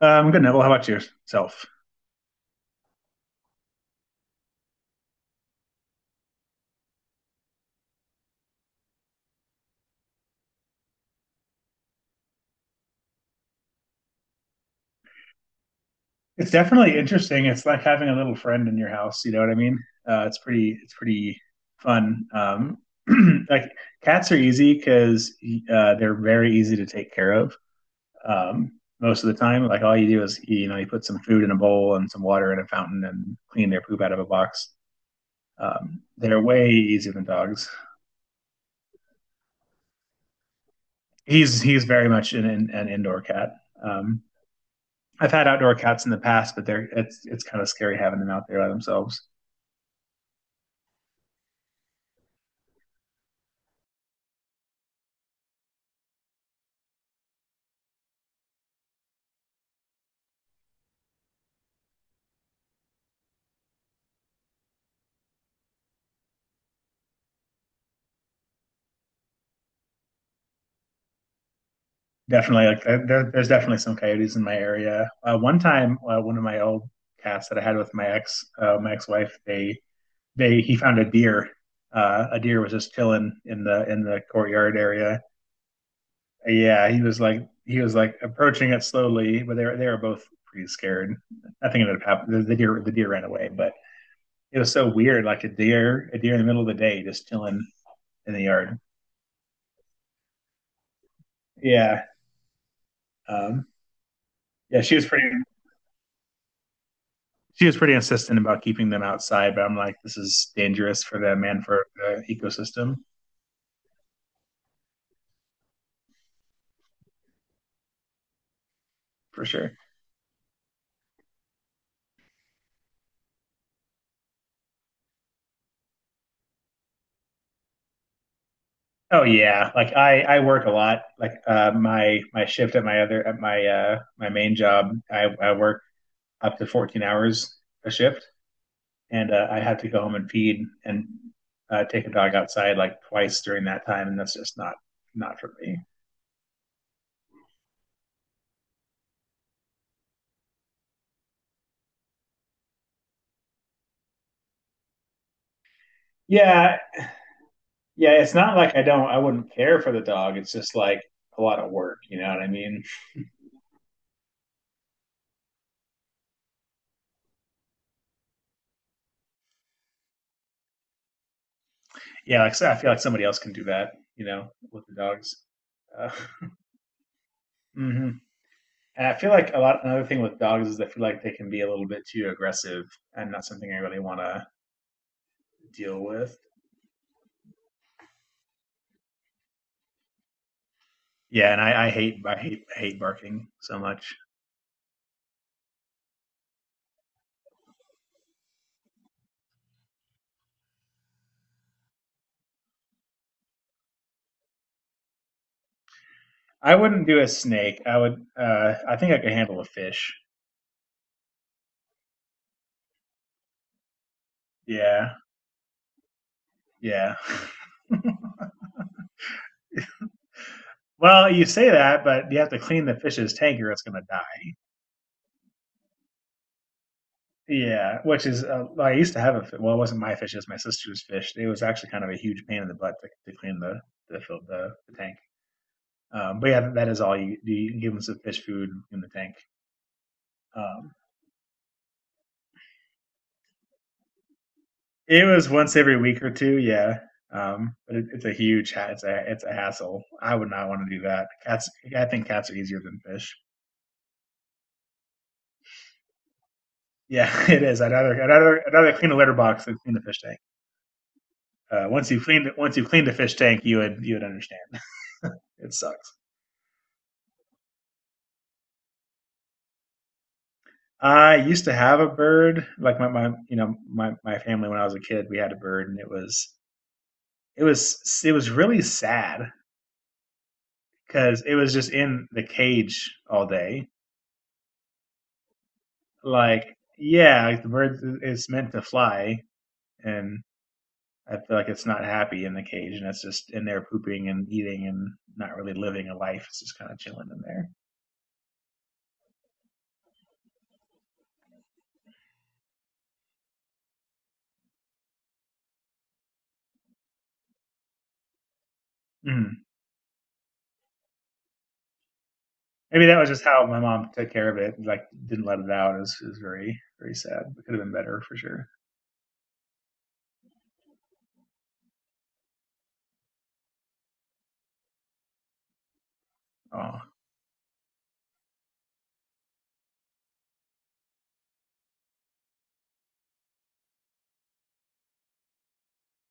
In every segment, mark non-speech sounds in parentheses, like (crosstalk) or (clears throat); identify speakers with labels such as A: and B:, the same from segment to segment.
A: Good, Neville. How about yourself? It's definitely interesting. It's like having a little friend in your house. You know what I mean? It's pretty fun. (clears throat) Like Cats are easy because they're very easy to take care of. Most of the time, like all you do is you know you put some food in a bowl and some water in a fountain and clean their poop out of a box. They're way easier than dogs. He's very much an indoor cat. Um, I've had outdoor cats in the past, but they're it's kind of scary having them out there by themselves. Definitely, like there's definitely some coyotes in my area. One time, one of my old cats that I had with my ex wife, they he found a deer. A deer was just chilling in the courtyard area. Yeah, he was like approaching it slowly, but they were both pretty scared. Nothing ended up happening. The deer ran away, but it was so weird, like a deer in the middle of the day just chilling in the yard. Yeah, um, yeah, she was pretty. She was pretty insistent about keeping them outside, but I'm like, this is dangerous for them and for the ecosystem for sure. Oh yeah, like I work a lot. Like my my shift at my other at my my main job, I work up to 14 hours a shift, and I have to go home and feed and take a dog outside like twice during that time, and that's just not for me. Yeah, yeah, it's not like I wouldn't care for the dog. It's just like a lot of work, you know what I mean? Yeah, like I feel like somebody else can do that, you know, with the dogs. Uh, (laughs) hmm And I feel like a lot. Another thing with dogs is I feel like they can be a little bit too aggressive, and not something I really want to deal with. Yeah, and I hate hate barking so much. I wouldn't do a snake. I would. I think I could handle a fish. Yeah, yeah. (laughs) Well, you say that, but you have to clean the fish's tank or it's going to die. Yeah, which is I used to have well, it wasn't my fish; it was my sister's fish. It was actually kind of a huge pain in the butt to clean the, fill, the tank. But yeah, that is all you do. You give them some fish food in the tank. Um, it was once every week or two, yeah. But it's a hassle. I would not want to do that. Cats, I think cats are easier than fish. Yeah, (laughs) it is. I'd rather clean the litter box than clean the fish tank. Once you clean the fish tank, you would understand. (laughs) It sucks. I used to have a bird, like my you know my family when I was a kid, we had a bird, and it was it was really sad because it was just in the cage all day. Like yeah, like the bird is meant to fly, and I feel like it's not happy in the cage, and it's just in there pooping and eating and not really living a life. It's just kind of chilling in there. Mm. Maybe that was just how my mom took care of it. Like didn't let it out. It was very very sad. It could have been better for sure. Oh.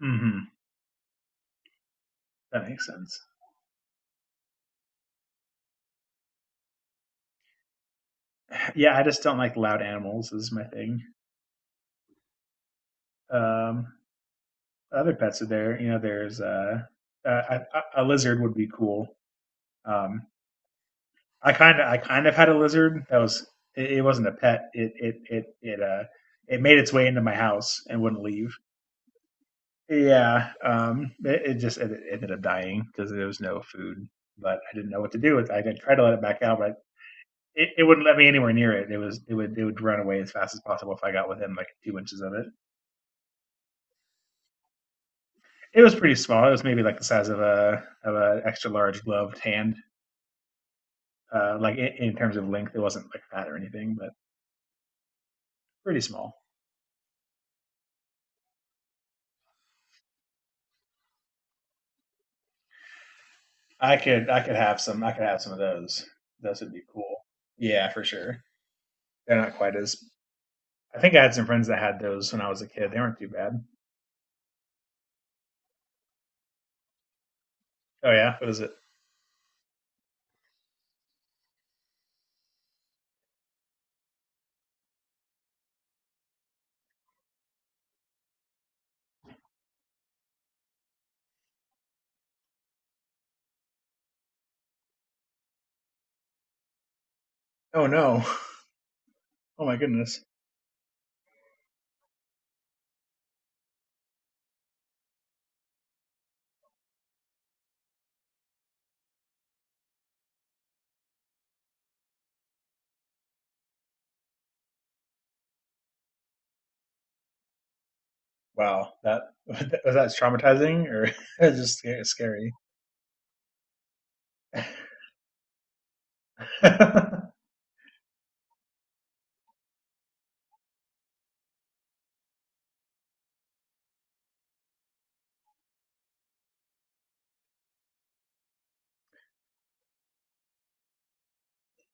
A: Hmm. That makes sense. Yeah, I just don't like loud animals. Is my thing. Um, other pets are there. You know, there's uh, a lizard would be cool. Um, I kind of had a lizard that was it wasn't a pet. It made its way into my house and wouldn't leave. Yeah, it ended up dying because there was no food. But I didn't know what to do with. It. I didn't try to let it back out, but it wouldn't let me anywhere near it. It was it would It would run away as fast as possible if I got within like 2 inches of it. It was pretty small. It was maybe like the size of a of an extra large gloved hand. In terms of length, it wasn't like fat or anything, but pretty small. I could have some. I could have some of those. Those would be cool. Yeah, for sure. They're not quite as. I think I had some friends that had those when I was a kid. They weren't too bad. Oh yeah, what is it? Oh no. (laughs) Oh my goodness. Wow. That (laughs) was that traumatizing or (laughs) just scary. (laughs)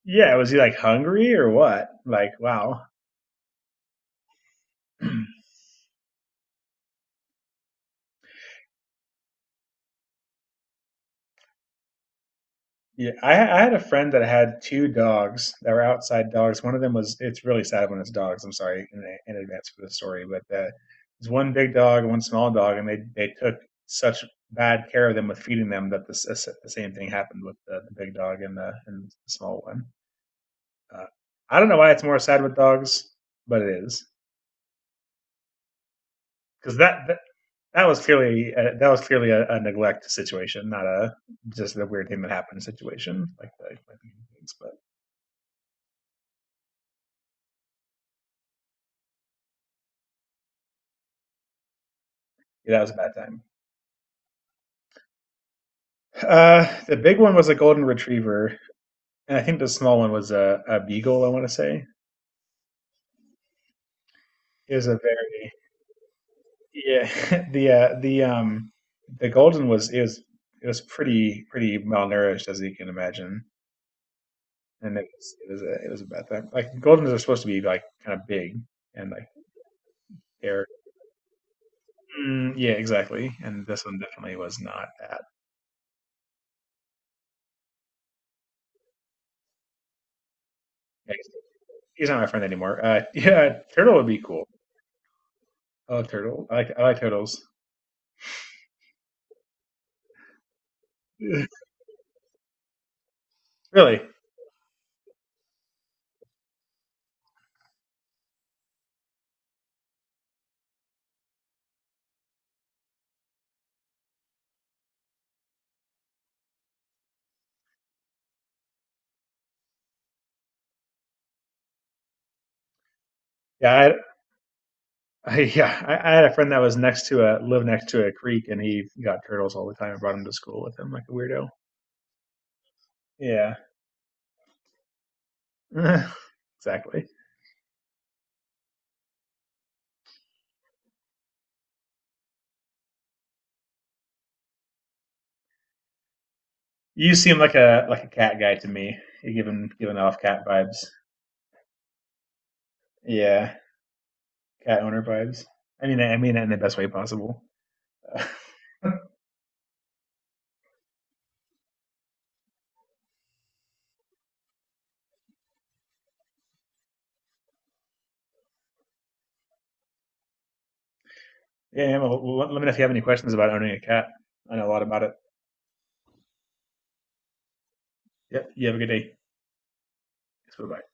A: Yeah, was he like hungry or what? Like wow. (clears throat) Yeah, I had a friend that had two dogs that were outside dogs. One of them was, it's really sad when it's dogs. I'm sorry in advance for the story, but there's one big dog and one small dog, and they took such bad care of them with feeding them that the same thing happened with the big dog and the small one. Uh, I don't know why it's more sad with dogs, but it is because that was clearly a neglect situation, not a just a weird thing that happened situation like the things. But yeah, that was a bad time. The big one was a golden retriever, and I think the small one was a beagle. I want to say it was a very yeah (laughs) the golden was it was it was pretty pretty malnourished as you can imagine, and it was a bad thing. Like goldens are supposed to be like kind of big and like they're mm, yeah exactly, and this one definitely was not that. Yeah, he's not my friend anymore. (laughs) Yeah, turtle would be cool. I love turtle. I like turtles. (laughs) Really. Yeah, I had a friend that was next to a lived next to a creek, and he got turtles all the time and brought them to school with him like a weirdo. Yeah, (laughs) exactly. You seem like a cat guy to me. You're giving off cat vibes. Yeah, cat owner vibes. I mean that in the best way possible. (laughs) Uh, yeah, well, let me know if you have any questions about owning a cat. I know a lot about it. Yep. You have a good day. Bye bye.